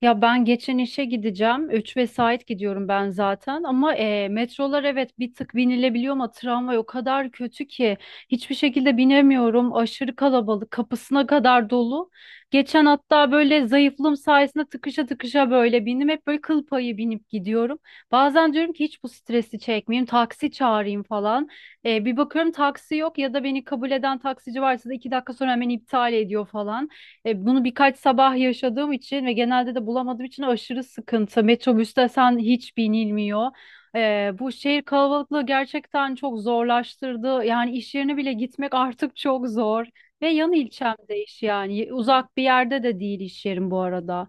Ya ben geçen işe gideceğim. 3 vesait gidiyorum ben zaten. Ama metrolar, evet, bir tık binilebiliyor ama tramvay o kadar kötü ki hiçbir şekilde binemiyorum. Aşırı kalabalık, kapısına kadar dolu. Geçen hatta böyle zayıflığım sayesinde tıkışa tıkışa böyle bindim. Hep böyle kıl payı binip gidiyorum. Bazen diyorum ki hiç bu stresi çekmeyeyim, taksi çağırayım falan. Bir bakıyorum taksi yok ya da beni kabul eden taksici varsa da 2 dakika sonra hemen iptal ediyor falan. Bunu birkaç sabah yaşadığım için ve genelde de bulamadığım için aşırı sıkıntı. Metrobüste sen hiç binilmiyor. Bu şehir kalabalıklığı gerçekten çok zorlaştırdı. Yani iş yerine bile gitmek artık çok zor. Ve yan ilçemde iş yani. Uzak bir yerde de değil iş yerim bu arada.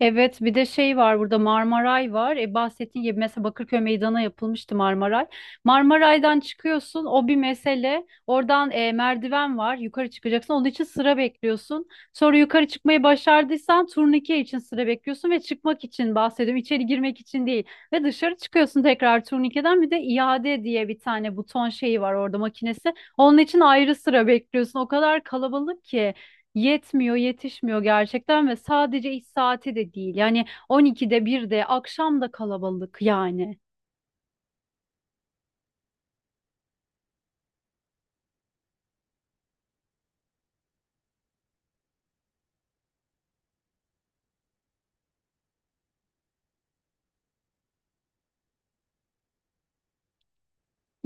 Evet, bir de şey var, burada Marmaray var. Bahsettiğin gibi, mesela Bakırköy Meydanı'na yapılmıştı Marmaray. Marmaray'dan çıkıyorsun, o bir mesele. Oradan merdiven var, yukarı çıkacaksın. Onun için sıra bekliyorsun. Sonra yukarı çıkmayı başardıysan turnike için sıra bekliyorsun ve çıkmak için bahsediyorum. İçeri girmek için değil. Ve dışarı çıkıyorsun, tekrar turnikeden bir de iade diye bir tane buton şeyi var orada, makinesi. Onun için ayrı sıra bekliyorsun. O kadar kalabalık ki yetmiyor, yetişmiyor gerçekten ve sadece iş saati de değil. Yani 12'de, 1'de, akşam da kalabalık yani.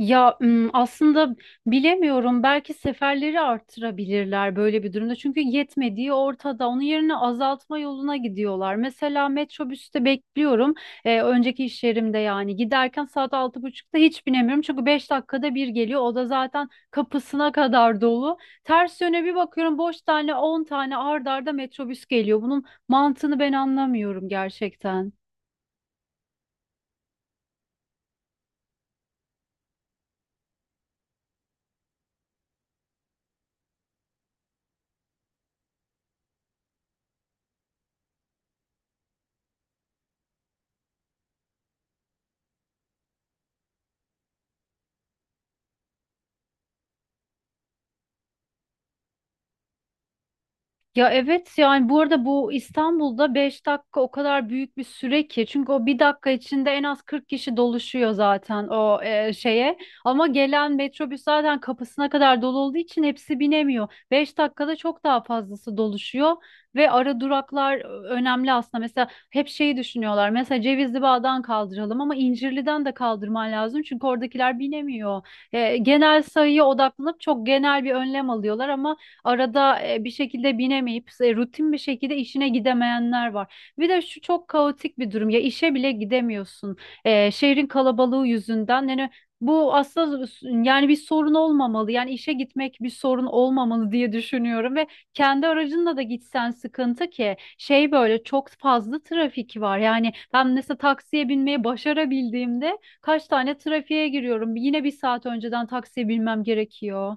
Ya, aslında bilemiyorum, belki seferleri arttırabilirler böyle bir durumda. Çünkü yetmediği ortada. Onun yerine azaltma yoluna gidiyorlar. Mesela metrobüste bekliyorum. Önceki iş yerimde yani giderken saat 6.30'da hiç binemiyorum. Çünkü 5 dakikada bir geliyor. O da zaten kapısına kadar dolu. Ters yöne bir bakıyorum, boş tane 10 tane ard arda metrobüs geliyor. Bunun mantığını ben anlamıyorum gerçekten. Ya evet, yani bu arada bu İstanbul'da 5 dakika o kadar büyük bir süre ki çünkü o bir dakika içinde en az 40 kişi doluşuyor zaten o şeye, ama gelen metrobüs zaten kapısına kadar dolu olduğu için hepsi binemiyor. 5 dakikada çok daha fazlası doluşuyor ve ara duraklar önemli aslında. Mesela hep şeyi düşünüyorlar, mesela Cevizli Bağ'dan kaldıralım ama İncirli'den de kaldırman lazım çünkü oradakiler binemiyor. Genel sayıya odaklanıp çok genel bir önlem alıyorlar, ama arada bir şekilde binemeyip rutin bir şekilde işine gidemeyenler var. Bir de şu çok kaotik bir durum, ya işe bile gidemiyorsun şehrin kalabalığı yüzünden. Yani bu aslında yani bir sorun olmamalı. Yani işe gitmek bir sorun olmamalı diye düşünüyorum ve kendi aracınla da gitsen sıkıntı, ki şey böyle çok fazla trafik var. Yani ben mesela taksiye binmeyi başarabildiğimde kaç tane trafiğe giriyorum. Yine bir saat önceden taksiye binmem gerekiyor.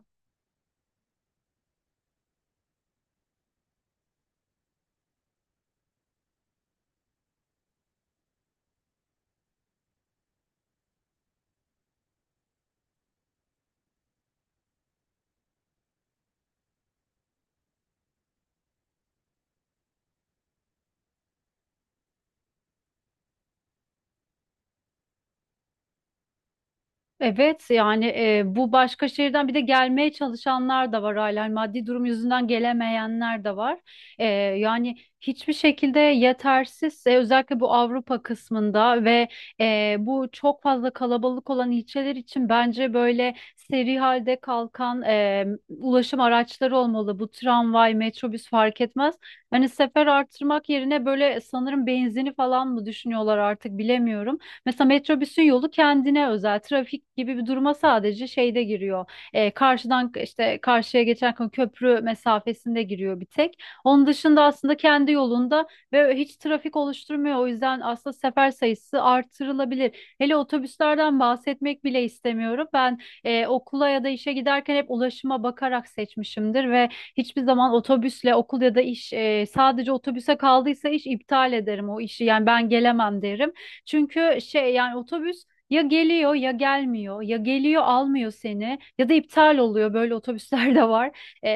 Evet yani bu başka şehirden bir de gelmeye çalışanlar da var hala. Yani maddi durum yüzünden gelemeyenler de var. E, yani hiçbir şekilde yetersiz özellikle bu Avrupa kısmında ve bu çok fazla kalabalık olan ilçeler için bence böyle seri halde kalkan ulaşım araçları olmalı. Bu tramvay, metrobüs fark etmez. Hani sefer artırmak yerine böyle sanırım benzini falan mı düşünüyorlar artık, bilemiyorum. Mesela metrobüsün yolu kendine özel. Trafik gibi bir duruma sadece şeyde giriyor. Karşıdan işte karşıya geçerken köprü mesafesinde giriyor bir tek. Onun dışında aslında kendi yolunda ve hiç trafik oluşturmuyor. O yüzden aslında sefer sayısı artırılabilir. Hele otobüslerden bahsetmek bile istemiyorum. Ben okula ya da işe giderken hep ulaşıma bakarak seçmişimdir ve hiçbir zaman otobüsle okul ya da iş sadece otobüse kaldıysa iş, iptal ederim o işi. Yani ben gelemem derim. Çünkü şey, yani otobüs ya geliyor ya gelmiyor, ya geliyor almıyor seni, ya da iptal oluyor böyle otobüsler de var. E,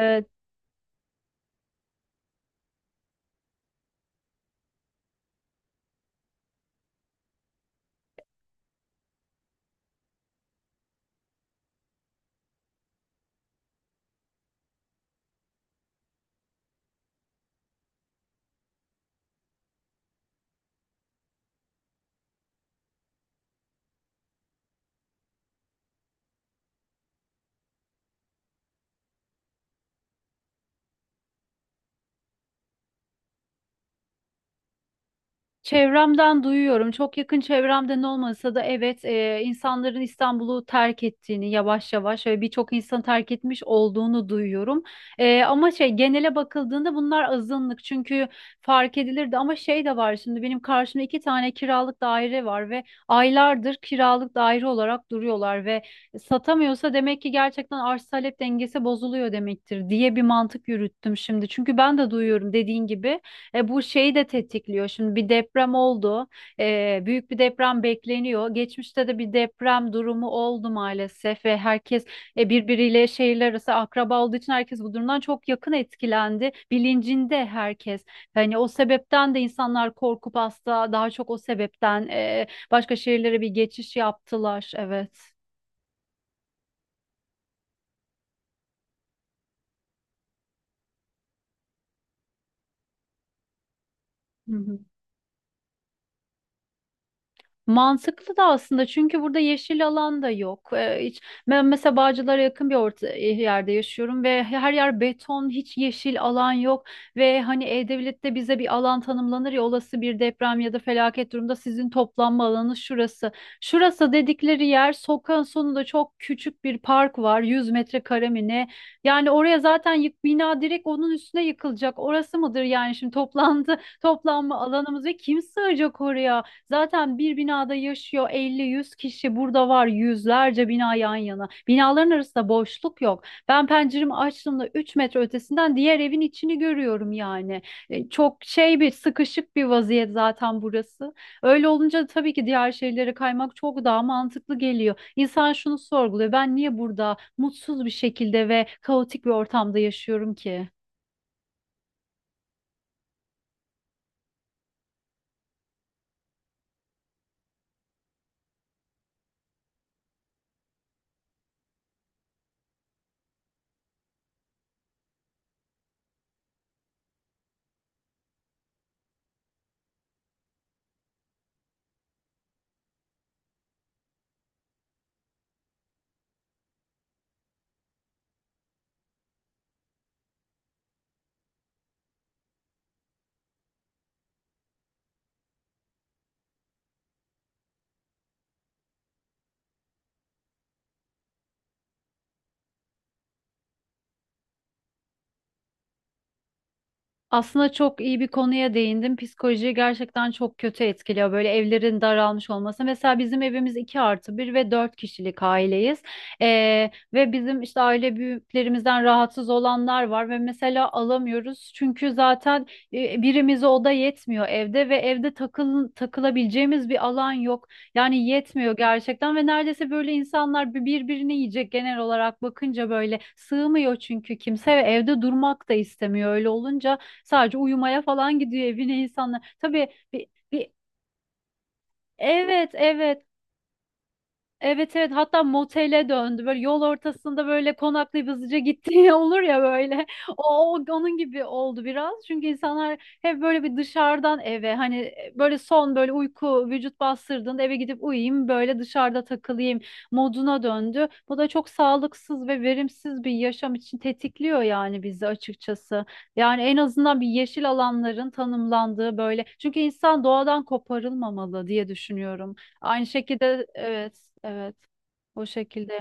e, Çevremden duyuyorum. Çok yakın çevremden olmasa da, evet, insanların İstanbul'u terk ettiğini yavaş yavaş ve birçok insan terk etmiş olduğunu duyuyorum. Ama şey, genele bakıldığında bunlar azınlık çünkü fark edilirdi, ama şey de var, şimdi benim karşımda 2 tane kiralık daire var ve aylardır kiralık daire olarak duruyorlar ve satamıyorsa demek ki gerçekten arz talep dengesi bozuluyor demektir, diye bir mantık yürüttüm şimdi. Çünkü ben de duyuyorum, dediğin gibi. Bu şeyi de tetikliyor. Şimdi bir deprem oldu. Büyük bir deprem bekleniyor. Geçmişte de bir deprem durumu oldu maalesef ve herkes birbiriyle şehirler arası akraba olduğu için herkes bu durumdan çok yakın etkilendi. Bilincinde herkes. Hani o sebepten de insanlar korkup hasta, daha çok o sebepten başka şehirlere bir geçiş yaptılar. Evet. Hı hı. Mantıklı da aslında çünkü burada yeşil alan da yok. Hiç, ben mesela Bağcılar'a yakın bir orta, yerde yaşıyorum ve her yer beton, hiç yeşil alan yok. Ve hani E-Devlet'te bize bir alan tanımlanır ya, olası bir deprem ya da felaket durumda sizin toplanma alanı şurası. Şurası dedikleri yer sokağın sonunda çok küçük bir park, var 100 metrekare mi ne? Yani oraya zaten bina direkt onun üstüne yıkılacak. Orası mıdır yani şimdi toplanma alanımız ve kim sığacak oraya? Zaten bir binada yaşıyor 50, 100 kişi. Burada var yüzlerce bina yan yana. Binaların arasında boşluk yok. Ben penceremi açtığımda 3 metre ötesinden diğer evin içini görüyorum yani. Çok şey, bir sıkışık bir vaziyet zaten burası. Öyle olunca tabii ki diğer şehirlere kaymak çok daha mantıklı geliyor. İnsan şunu sorguluyor, ben niye burada mutsuz bir şekilde ve kaotik bir ortamda yaşıyorum ki? Aslında çok iyi bir konuya değindim. Psikolojiyi gerçekten çok kötü etkiliyor böyle evlerin daralmış olması. Mesela bizim evimiz 2+1 ve 4 kişilik aileyiz. Ve bizim işte aile büyüklerimizden rahatsız olanlar var ve mesela alamıyoruz. Çünkü zaten birimize oda yetmiyor evde ve evde takılabileceğimiz bir alan yok. Yani yetmiyor gerçekten ve neredeyse böyle insanlar birbirini yiyecek. Genel olarak bakınca böyle sığmıyor çünkü kimse ve evde durmak da istemiyor. Öyle olunca sadece uyumaya falan gidiyor evine insanlar. Tabii bir, evet, evet, evet, evet, hatta motele döndü, böyle yol ortasında böyle konaklayıp hızlıca gittiği olur ya, böyle o onun gibi oldu biraz çünkü insanlar hep böyle bir dışarıdan eve, hani, böyle son, böyle uyku vücut bastırdığında eve gidip uyuyayım, böyle dışarıda takılayım moduna döndü, bu da çok sağlıksız ve verimsiz bir yaşam için tetikliyor yani bizi, açıkçası. Yani en azından bir yeşil alanların tanımlandığı böyle, çünkü insan doğadan koparılmamalı diye düşünüyorum. Aynı şekilde evet, evet. O şekilde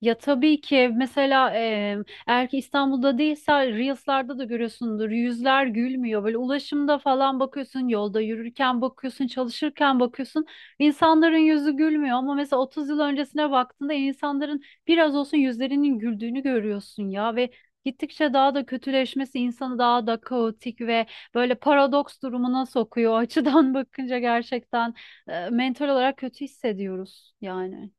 ya, tabii ki, mesela eğer ki İstanbul'da değilse Reels'larda da görüyorsundur, yüzler gülmüyor. Böyle ulaşımda falan bakıyorsun, yolda yürürken bakıyorsun, çalışırken bakıyorsun, insanların yüzü gülmüyor. Ama mesela 30 yıl öncesine baktığında insanların biraz olsun yüzlerinin güldüğünü görüyorsun ya, ve gittikçe daha da kötüleşmesi insanı daha da kaotik ve böyle paradoks durumuna sokuyor. O açıdan bakınca gerçekten mental olarak kötü hissediyoruz yani.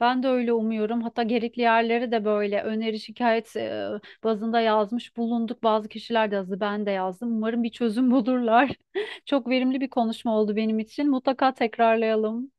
Ben de öyle umuyorum. Hatta gerekli yerlere de böyle öneri şikayet bazında yazmış bulunduk. Bazı kişiler de yazdı, ben de yazdım. Umarım bir çözüm bulurlar. Çok verimli bir konuşma oldu benim için. Mutlaka tekrarlayalım.